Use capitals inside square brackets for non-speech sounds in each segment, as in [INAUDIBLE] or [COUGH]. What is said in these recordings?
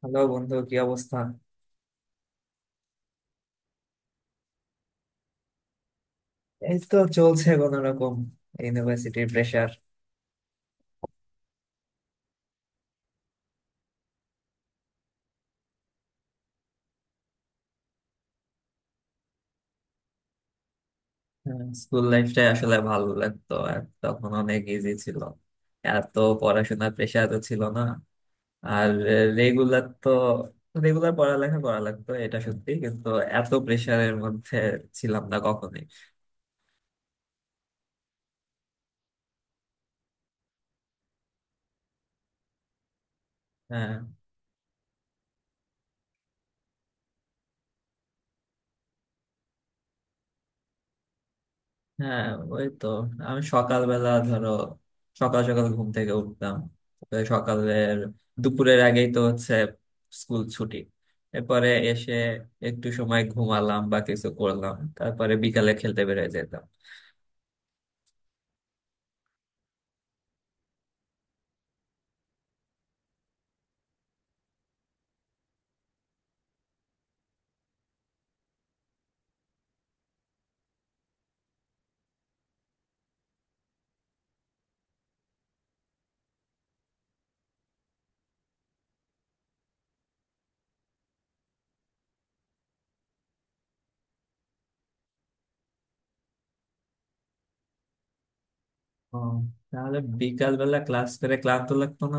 Hello বন্ধু, কি অবস্থা? এই তো চলছে কোন রকম। ইউনিভার্সিটির প্রেশার। স্কুল লাইফটাই আসলে ভালো লাগতো, আর তখন অনেক ইজি ছিল। এত পড়াশোনার প্রেশার তো ছিল না। আর রেগুলার তো রেগুলার পড়ালেখা করা লাগতো, এটা সত্যি, কিন্তু এত প্রেশারের মধ্যে ছিলাম না কখনোই। হ্যাঁ, হ্যাঁ, ওই তো আমি সকালবেলা ধরো সকাল সকাল ঘুম থেকে উঠতাম। তারপরে সকালের দুপুরের আগেই তো হচ্ছে স্কুল ছুটি। এরপরে এসে একটু সময় ঘুমালাম বা কিছু করলাম, তারপরে বিকালে খেলতে বেরিয়ে যেতাম। ও, তাহলে বিকালবেলা ক্লাস করে ক্লান্ত লাগতো না?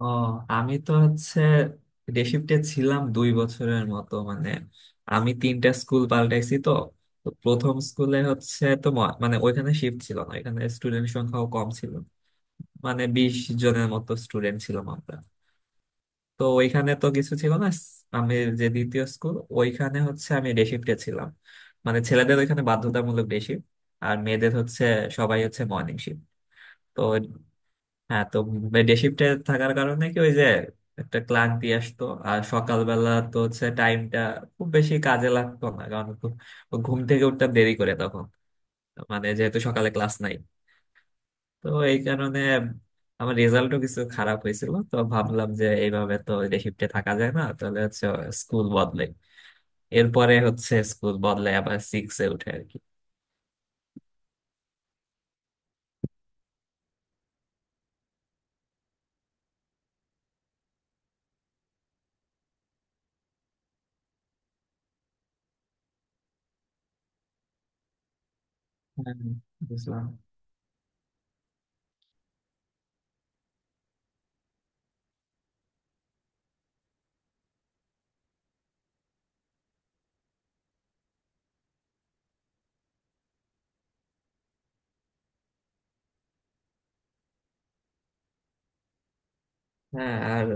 ও, আমি তো হচ্ছে ডে শিফটে ছিলাম 2 বছরের মতো। মানে আমি তিনটা স্কুল পাল্টাইছি তো। তো প্রথম স্কুলে হচ্ছে তো মানে ওইখানে শিফট ছিল না, এখানে স্টুডেন্ট সংখ্যাও কম ছিল। মানে 20 জনের মতো স্টুডেন্ট ছিলাম আমরা। তো ওইখানে তো কিছু ছিল না। আমি যে দ্বিতীয় স্কুল, ওইখানে হচ্ছে আমি ডে শিফটে ছিলাম। মানে ছেলেদের ওইখানে বাধ্যতামূলক ডে শিফট, আর মেয়েদের হচ্ছে সবাই হচ্ছে মর্নিং শিফট। তো হ্যাঁ, তো ডে শিফটে থাকার কারণে কি ওই যে একটা ক্লান্তি আসতো, আর সকালবেলা তো হচ্ছে টাইমটা খুব বেশি কাজে লাগতো না, কারণ ঘুম থেকে উঠতাম দেরি করে তখন, মানে যেহেতু সকালে ক্লাস নাই। তো এই কারণে আমার রেজাল্টও কিছু খারাপ হয়েছিল, তো ভাবলাম যে এইভাবে তো ডে শিফটে থাকা যায় না, তাহলে হচ্ছে স্কুল বদলাই। এরপরে হচ্ছে স্কুল বদলাই আবার সিক্সে উঠে আর কি। হ্যাঁ, বুঝলাম। হ্যাঁ আর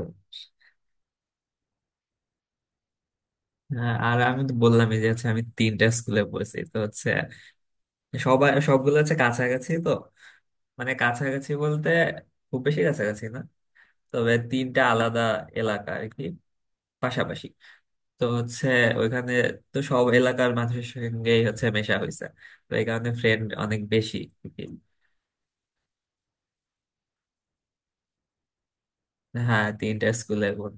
হ্যাঁ, আর আমি তো বললামই যে হচ্ছে আমি তিনটা স্কুলে পড়েছি তো হচ্ছে সবাই সবগুলো হচ্ছে কাছাকাছি তো। মানে কাছাকাছি বলতে খুব বেশি কাছাকাছি না, তবে তিনটা আলাদা এলাকা আর কি, পাশাপাশি। তো হচ্ছে ওইখানে তো সব এলাকার মানুষের সঙ্গেই হচ্ছে মেশা হয়েছে। তো এই কারণে ফ্রেন্ড অনেক বেশি আর কি। হ্যাঁ, তিনটা স্কুলের বোন।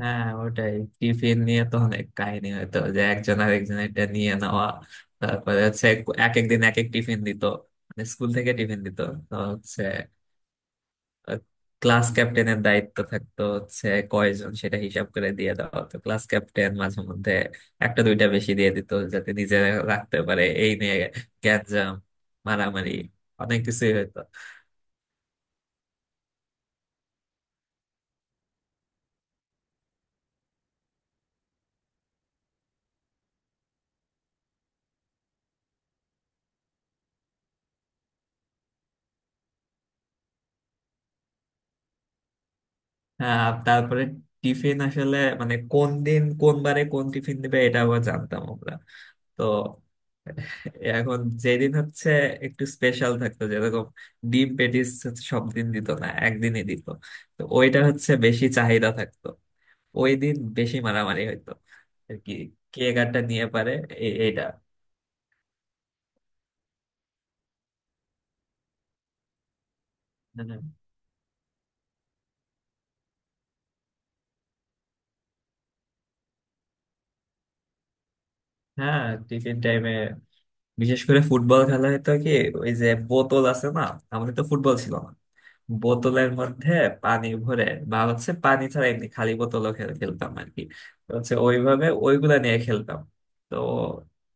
হ্যাঁ, ওটাই, টিফিন নিয়ে তো অনেক কাহিনী হতো, যে একজন আর একজন এটা নিয়ে নেওয়া। তারপরে হচ্ছে এক একদিন এক এক টিফিন দিত, মানে স্কুল থেকে টিফিন দিত। তো হচ্ছে ক্লাস ক্যাপ্টেনের দায়িত্ব থাকতো হচ্ছে কয়জন সেটা হিসাব করে দিয়ে দেওয়া। হতো ক্লাস ক্যাপ্টেন মাঝে মধ্যে একটা দুইটা বেশি দিয়ে দিত যাতে নিজে রাখতে পারে। এই নিয়ে গ্যাঞ্জাম, মারামারি, অনেক কিছুই হতো। আহ, তারপরে টিফিন আসলে মানে কোন দিন কোন বারে কোন টিফিন দিবে এটা আবার জানতাম আমরা। তো এখন যেদিন হচ্ছে একটু স্পেশাল থাকতো, যেরকম ডিম পেটিস হচ্ছে সব দিন দিত না, একদিনই দিত। তো ওইটা হচ্ছে বেশি চাহিদা থাকতো, ওই দিন বেশি মারামারি হইতো আর কি, কে গানটা নিয়ে পারে এইটা। মানে, হ্যাঁ টিফিন টাইমে বিশেষ করে ফুটবল খেলা হতো কি ওই যে বোতল আছে না, আমাদের তো ফুটবল ছিল না, বোতলের মধ্যে পানি ভরে বা হচ্ছে পানি ছাড়া এমনি খালি বোতলও খেলতাম আর কি। তো হচ্ছে ওইভাবে ওইগুলা নিয়ে খেলতাম। তো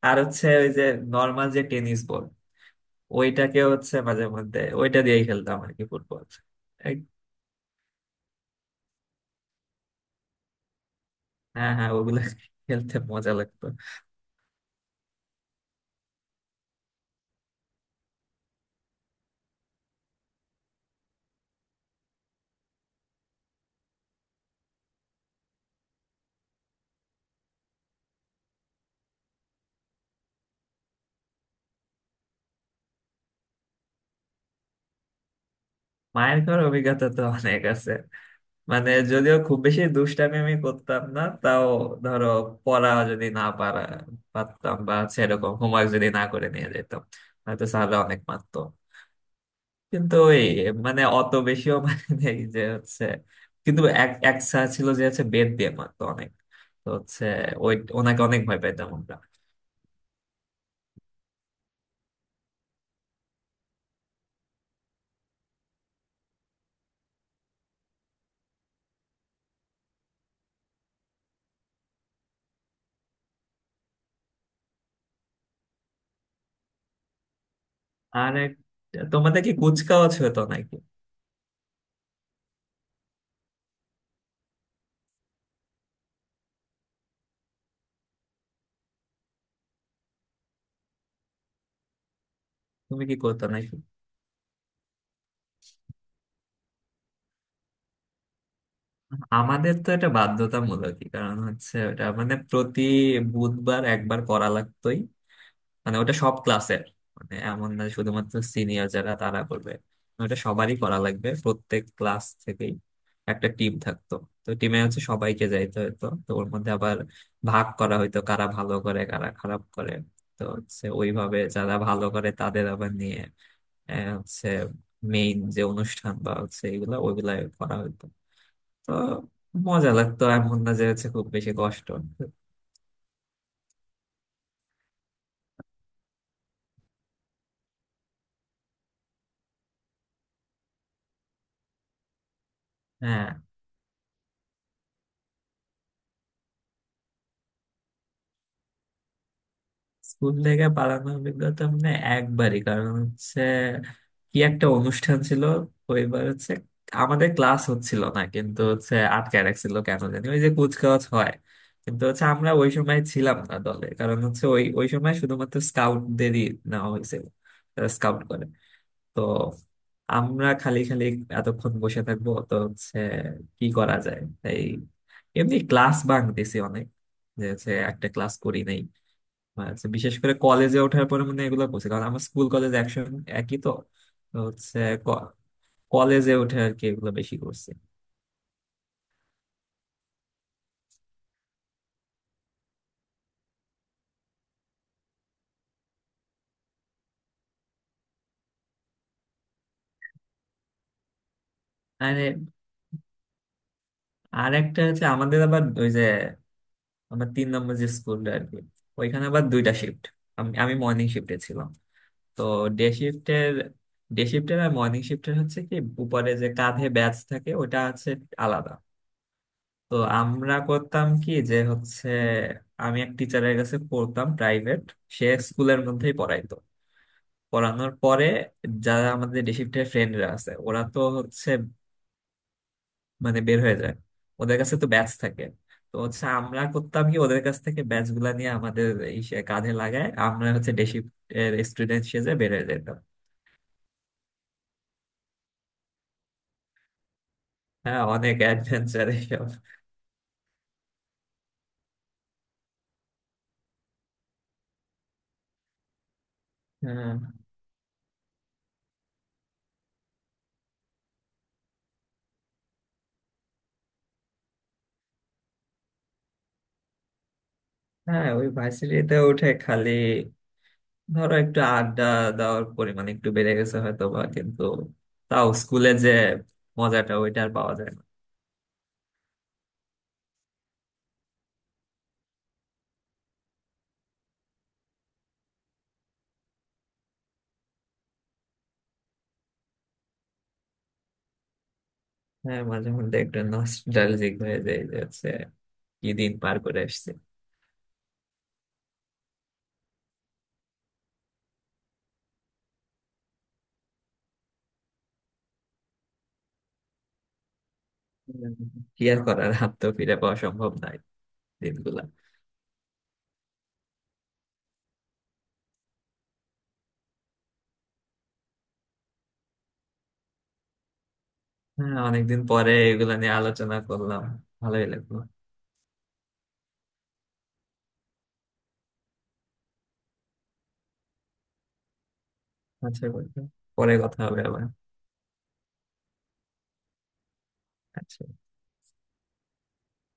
আর হচ্ছে ওই যে নর্মাল যে টেনিস বল, ওইটাকে হচ্ছে মাঝে মধ্যে ওইটা দিয়েই খেলতাম আর কি ফুটবল। এই হ্যাঁ, হ্যাঁ ওগুলা খেলতে মজা লাগতো। মায়ের খাওয়ার অভিজ্ঞতা তো অনেক আছে। মানে যদিও খুব বেশি দুষ্টামি আমি করতাম না, তাও ধরো পড়া যদি না পারা পারতাম বা সেরকম হোমওয়ার্ক যদি না করে নিয়ে যেতাম, হয়তো স্যাররা অনেক মারতো। কিন্তু ওই মানে অত বেশিও [LAUGHS] মানে নেই যে হচ্ছে, কিন্তু এক এক স্যার ছিল যে হচ্ছে বেত দিয়ে মারতো অনেক। তো হচ্ছে ওই ওনাকে অনেক ভয় পেতাম আমরা। আর এক, তোমাদের কি কুচকাওয়াজ হতো নাকি? তুমি কি করতো নাকি? আমাদের তো এটা বাধ্যতামূলকই, কারণ হচ্ছে ওটা মানে প্রতি বুধবার একবার করা লাগতোই। মানে ওটা সব ক্লাসের, মানে এমন না শুধুমাত্র সিনিয়র যারা তারা করবে, ওটা সবারই করা লাগবে, প্রত্যেক ক্লাস থেকেই একটা টিম থাকতো। তো টিমে হচ্ছে সবাইকে যাইতে হতো, তো ওর মধ্যে আবার ভাগ করা হইতো কারা ভালো করে, কারা খারাপ করে। তো হচ্ছে ওইভাবে যারা ভালো করে তাদের আবার নিয়ে আহ, হচ্ছে মেইন যে অনুষ্ঠান বা হচ্ছে এগুলা ওইগুলা করা হতো। তো মজা লাগতো, এমন না যে হচ্ছে খুব বেশি কষ্ট। হ্যাঁ, স্কুল থেকে পালানোর অভিজ্ঞতা মানে একবারই, কারণ হচ্ছে কি একটা অনুষ্ঠান ছিল, ওইবার হচ্ছে আমাদের ক্লাস হচ্ছিল না, কিন্তু হচ্ছে আটকে রাখছিল কেন জানি। ওই যে কুচকাওয়াজ হয়, কিন্তু হচ্ছে আমরা ওই সময় ছিলাম না দলে, কারণ হচ্ছে ওই ওই সময় শুধুমাত্র স্কাউটদেরই নেওয়া হয়েছিল, স্কাউট করে। তো আমরা খালি খালি এতক্ষণ বসে থাকবো, তো হচ্ছে কি করা যায়, তাই এমনি ক্লাস বাঙ্ক দিছি অনেক, যে হচ্ছে একটা ক্লাস করি নাই। বা হচ্ছে বিশেষ করে কলেজে ওঠার পরে মানে এগুলো করছি, কারণ আমার স্কুল কলেজ একসঙ্গে একই তো। তো হচ্ছে ক- কলেজে উঠে আর কি এগুলো বেশি করছি। আর আর একটা হচ্ছে আমাদের আবার ওই যে আমার 3 নম্বর যে স্কুলটা আর কি, ওইখানে আবার দুইটা শিফট। আমি আমি মর্নিং শিফটে ছিলাম। তো ডে শিফটের ডে শিফটের আর মর্নিং শিফটের হচ্ছে কি উপরে যে কাঁধে ব্যাচ থাকে ওটা হচ্ছে আলাদা। তো আমরা করতাম কি যে হচ্ছে আমি এক টিচারের কাছে পড়তাম প্রাইভেট, সে স্কুলের মধ্যেই পড়াইতো। পড়ানোর পরে যারা আমাদের ডে শিফটের ফ্রেন্ডরা আছে ওরা তো হচ্ছে মানে বের হয়ে যায়, ওদের কাছে তো ব্যাচ থাকে। তো হচ্ছে আমরা করতাম কি ওদের কাছ থেকে ব্যাচ গুলা নিয়ে আমাদের এই সে কাঁধে লাগায় আমরা হচ্ছে ডে শিফটের স্টুডেন্ট সেজে বের হয়ে যেতাম। হ্যাঁ, অনেক অ্যাডভেঞ্চার। হ্যাঁ হ্যাঁ, ওই ভার্সিটিতে উঠে খালি ধরো একটু আড্ডা দেওয়ার পরিমাণ একটু বেড়ে গেছে হয়তো বা, কিন্তু তাও স্কুলে যে মজাটা ওইটা আর পাওয়া যায় না। হ্যাঁ মাঝে মধ্যে একটু নস্টালজিক হয়ে যায় যে হচ্ছে কি দিন পার করে এসেছে। কি আর করার, হাত তো ফিরে পাওয়া সম্ভব নাই দিনগুলা। হ্যাঁ, অনেকদিন পরে এগুলা নিয়ে আলোচনা করলাম, ভালোই লাগলো। আচ্ছা বন্ধু, পরে কথা হবে আবার। আচ্ছা।